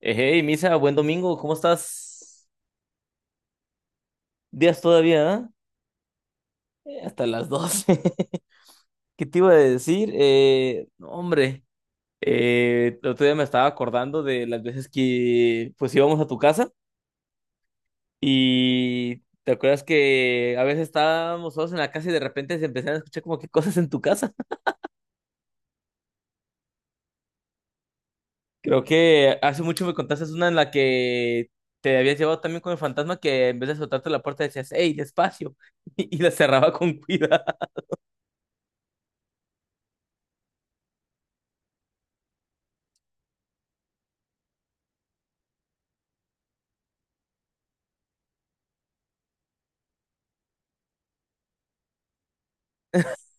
Hey, Misa, buen domingo, ¿cómo estás? Días todavía, ¿ah? Hasta las 12. ¿Qué te iba a decir? No, hombre, el otro día me estaba acordando de las veces que pues íbamos a tu casa y ¿te acuerdas que a veces estábamos solos en la casa y de repente se empezaron a escuchar como que cosas en tu casa? Creo que hace mucho me contaste una en la que te habías llevado también con el fantasma que en vez de soltarte la puerta decías, hey, despacio, y la cerraba con cuidado.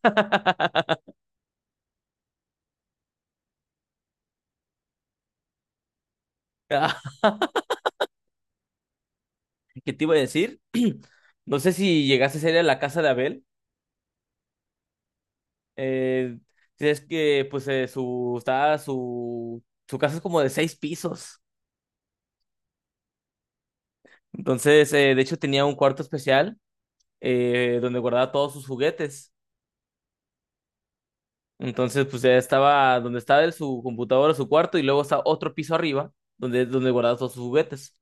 Ah, ¿qué te iba a decir? No sé si llegaste a ir a la casa de Abel. Eh, si es que, pues, su, está, Su casa es como de seis pisos. Entonces, de hecho, tenía un cuarto especial donde guardaba todos sus juguetes. Entonces, pues, ya estaba donde estaba su computadora, su cuarto, y luego está otro piso arriba donde, guardaba todos sus juguetes.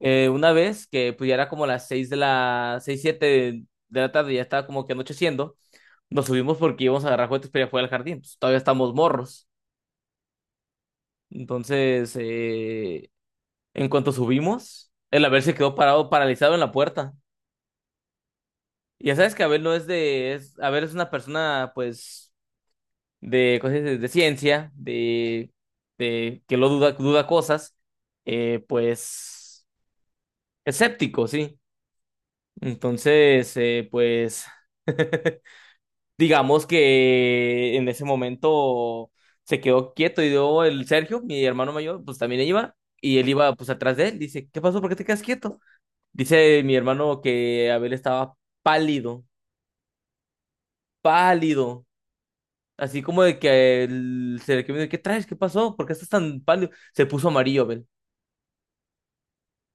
Una vez que pues, ya era como las 6 6 7 de la tarde, ya estaba como que anocheciendo, nos subimos porque íbamos a agarrar juguetes para ir a jugar al jardín, pues, todavía estamos morros. Entonces, en cuanto subimos, el Abel se quedó parado, paralizado en la puerta. Y ya sabes que Abel no es de, es, Abel es una persona pues de cosas de ciencia, de que lo duda, duda cosas, eh, pues escéptico, sí. Entonces, pues... digamos que en ese momento se quedó quieto y dio el Sergio, mi hermano mayor, pues también iba y él iba pues atrás de él. Dice, ¿qué pasó? ¿Por qué te quedas quieto? Dice mi hermano que Abel estaba pálido, pálido. Así como de que el Sergio me dijo, ¿qué traes? ¿Qué pasó? ¿Por qué estás tan pálido? Se puso amarillo, Abel.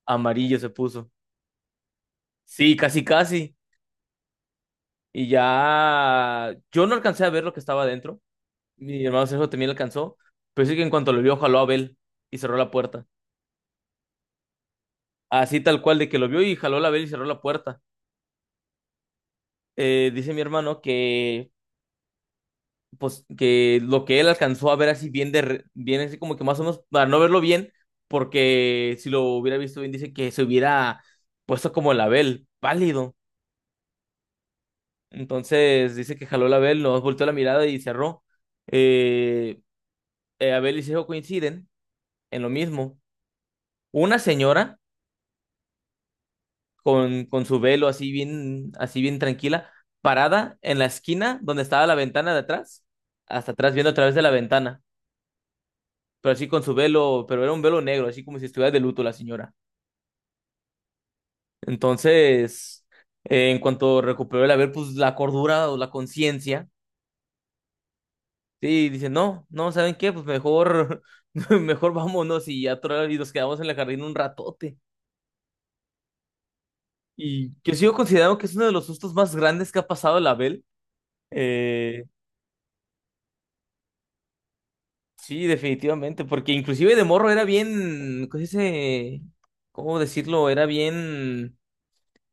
Amarillo se puso. Sí, casi, casi. Y ya yo no alcancé a ver lo que estaba adentro. Mi hermano Sergio también alcanzó. Pero sí que en cuanto lo vio, jaló a Abel y cerró la puerta. Así tal cual, de que lo vio y jaló la vela y cerró la puerta. Dice mi hermano que, pues, que lo que él alcanzó a ver así bien, bien así como que más o menos, para no verlo bien, porque si lo hubiera visto bien, dice que se hubiera puesto como el Abel, pálido. Entonces dice que jaló el Abel, nos volteó la mirada y cerró. Eh, Abel y Sejo coinciden en lo mismo. Una señora con su velo así bien tranquila, parada en la esquina donde estaba la ventana de atrás, hasta atrás viendo a través de la ventana, pero así con su velo, pero era un velo negro, así como si estuviera de luto la señora. Entonces, en cuanto recuperó el haber, pues la cordura o la conciencia, sí, dice, no, no, ¿saben qué? Pues mejor, mejor vámonos y ya nos quedamos en el jardín un ratote. Y yo sigo considerando que es uno de los sustos más grandes que ha pasado la Abel. Sí, definitivamente, porque inclusive de morro era bien, ¿cómo se dice? ¿Cómo decirlo? Era bien,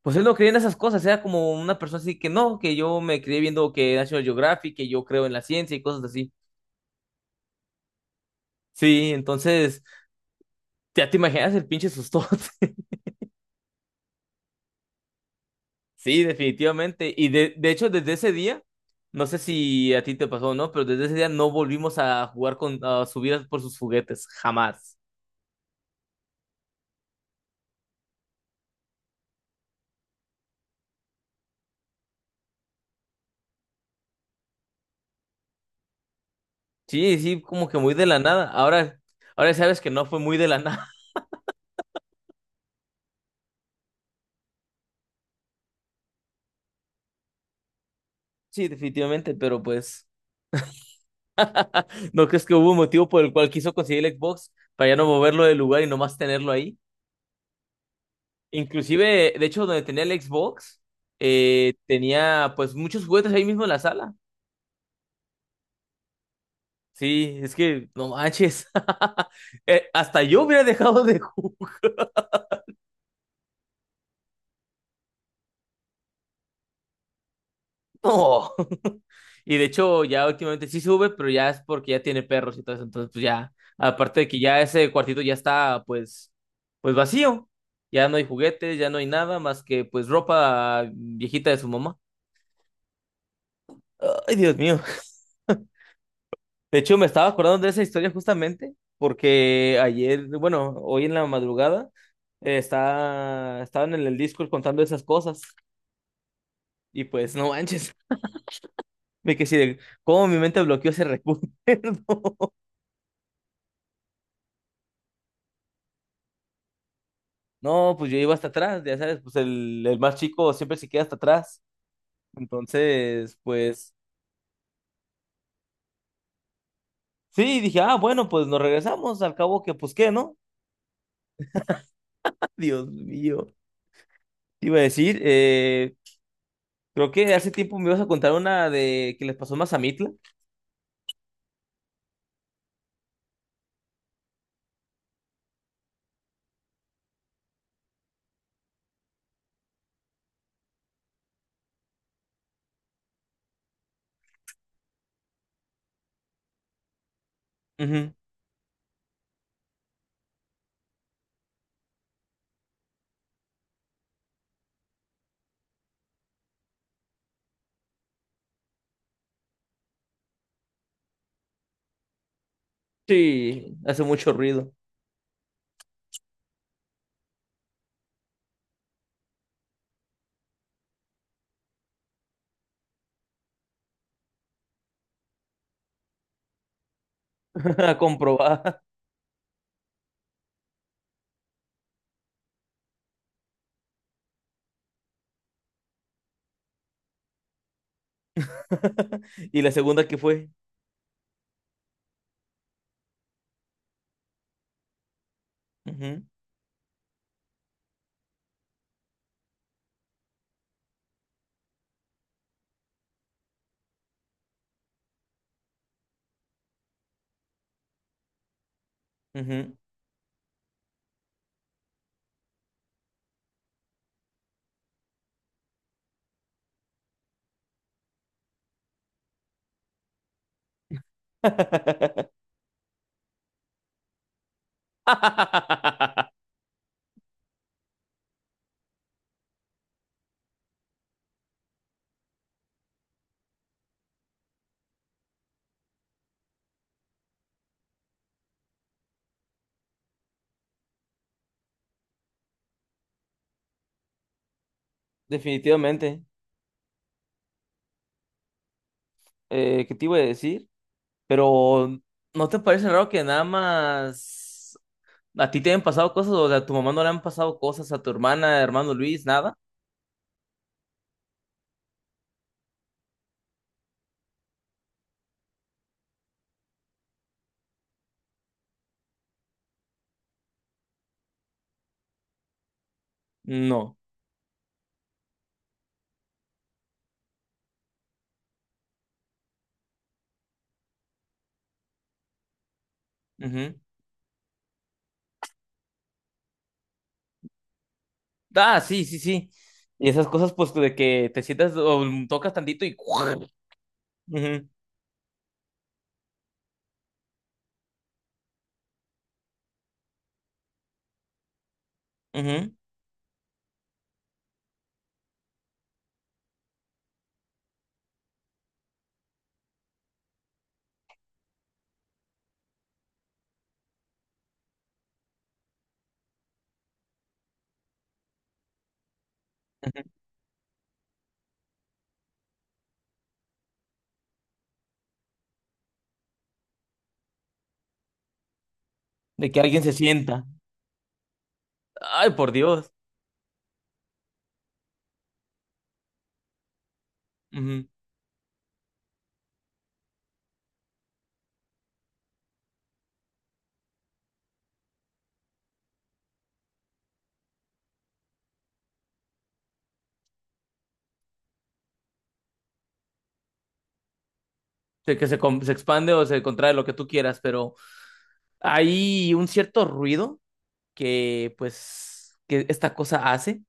pues él no creía en esas cosas, era como una persona así que no, que yo me crié viendo que National Geographic, que yo creo en la ciencia y cosas así. Sí, entonces, ya te imaginas el pinche sustote. Sí, definitivamente. De hecho, desde ese día, no sé si a ti te pasó o no, pero desde ese día no volvimos a jugar con, a subir por sus juguetes, jamás. Sí, sí, como que muy de la nada. Ahora, ahora sabes que no fue muy de la nada. Sí, definitivamente, pero pues, ¿no crees que hubo un motivo por el cual quiso conseguir el Xbox para ya no moverlo del lugar y nomás tenerlo ahí? Inclusive, de hecho, donde tenía el Xbox, tenía pues muchos juguetes ahí mismo en la sala. Sí, es que no manches. Hasta yo hubiera dejado de jugar. No. Y de hecho, ya últimamente sí sube, pero ya es porque ya tiene perros y todo eso. Entonces, pues ya, aparte de que ya ese cuartito ya está, pues, pues vacío. Ya no hay juguetes, ya no hay nada más que, pues, ropa viejita de su mamá. Ay, Dios mío. De hecho, me estaba acordando de esa historia justamente porque ayer, bueno, hoy en la madrugada, estaban en el Discord contando esas cosas. Y pues, no manches. Me quedé así de cómo mi mente bloqueó ese recuerdo. No, pues yo iba hasta atrás, ya sabes, pues el más chico siempre se queda hasta atrás. Entonces, pues sí, dije, ah, bueno, pues nos regresamos, al cabo que, pues qué, ¿no? Dios mío. Te iba a decir, creo que hace tiempo me ibas a contar una de que les pasó más a Mitla. Sí, hace mucho ruido, comprobada. Y la segunda que fue. Ujú, ujú. Definitivamente. ¿Qué te iba a decir? Pero, ¿no te parece raro que nada más a ti te hayan pasado cosas o a tu mamá no le han pasado cosas, a tu hermana, hermano Luis, nada? No. Ujú. Ah, sí, sí, sí. Y esas cosas, pues, de que te sientas o tocas tantito y... Ujú, ujú, ujú. De que alguien se sienta. Ay, por Dios. Ujú. De que se, com- Se expande o se contrae lo que tú quieras, pero hay un cierto ruido que, pues, que esta cosa hace,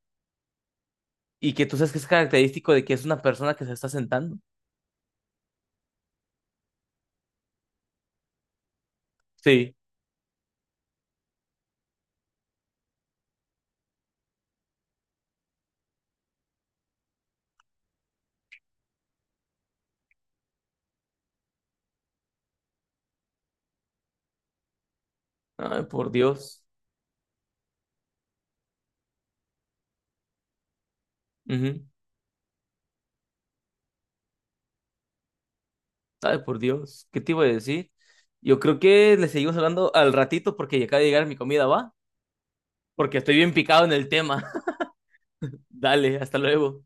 y que tú sabes que es característico de que es una persona que se está sentando. Sí. Ay, por Dios. Ujú. Ay, por Dios. ¿Qué te iba a decir? Yo creo que le seguimos hablando al ratito porque ya acaba de llegar mi comida, ¿va? Porque estoy bien picado en el tema. Dale, hasta luego.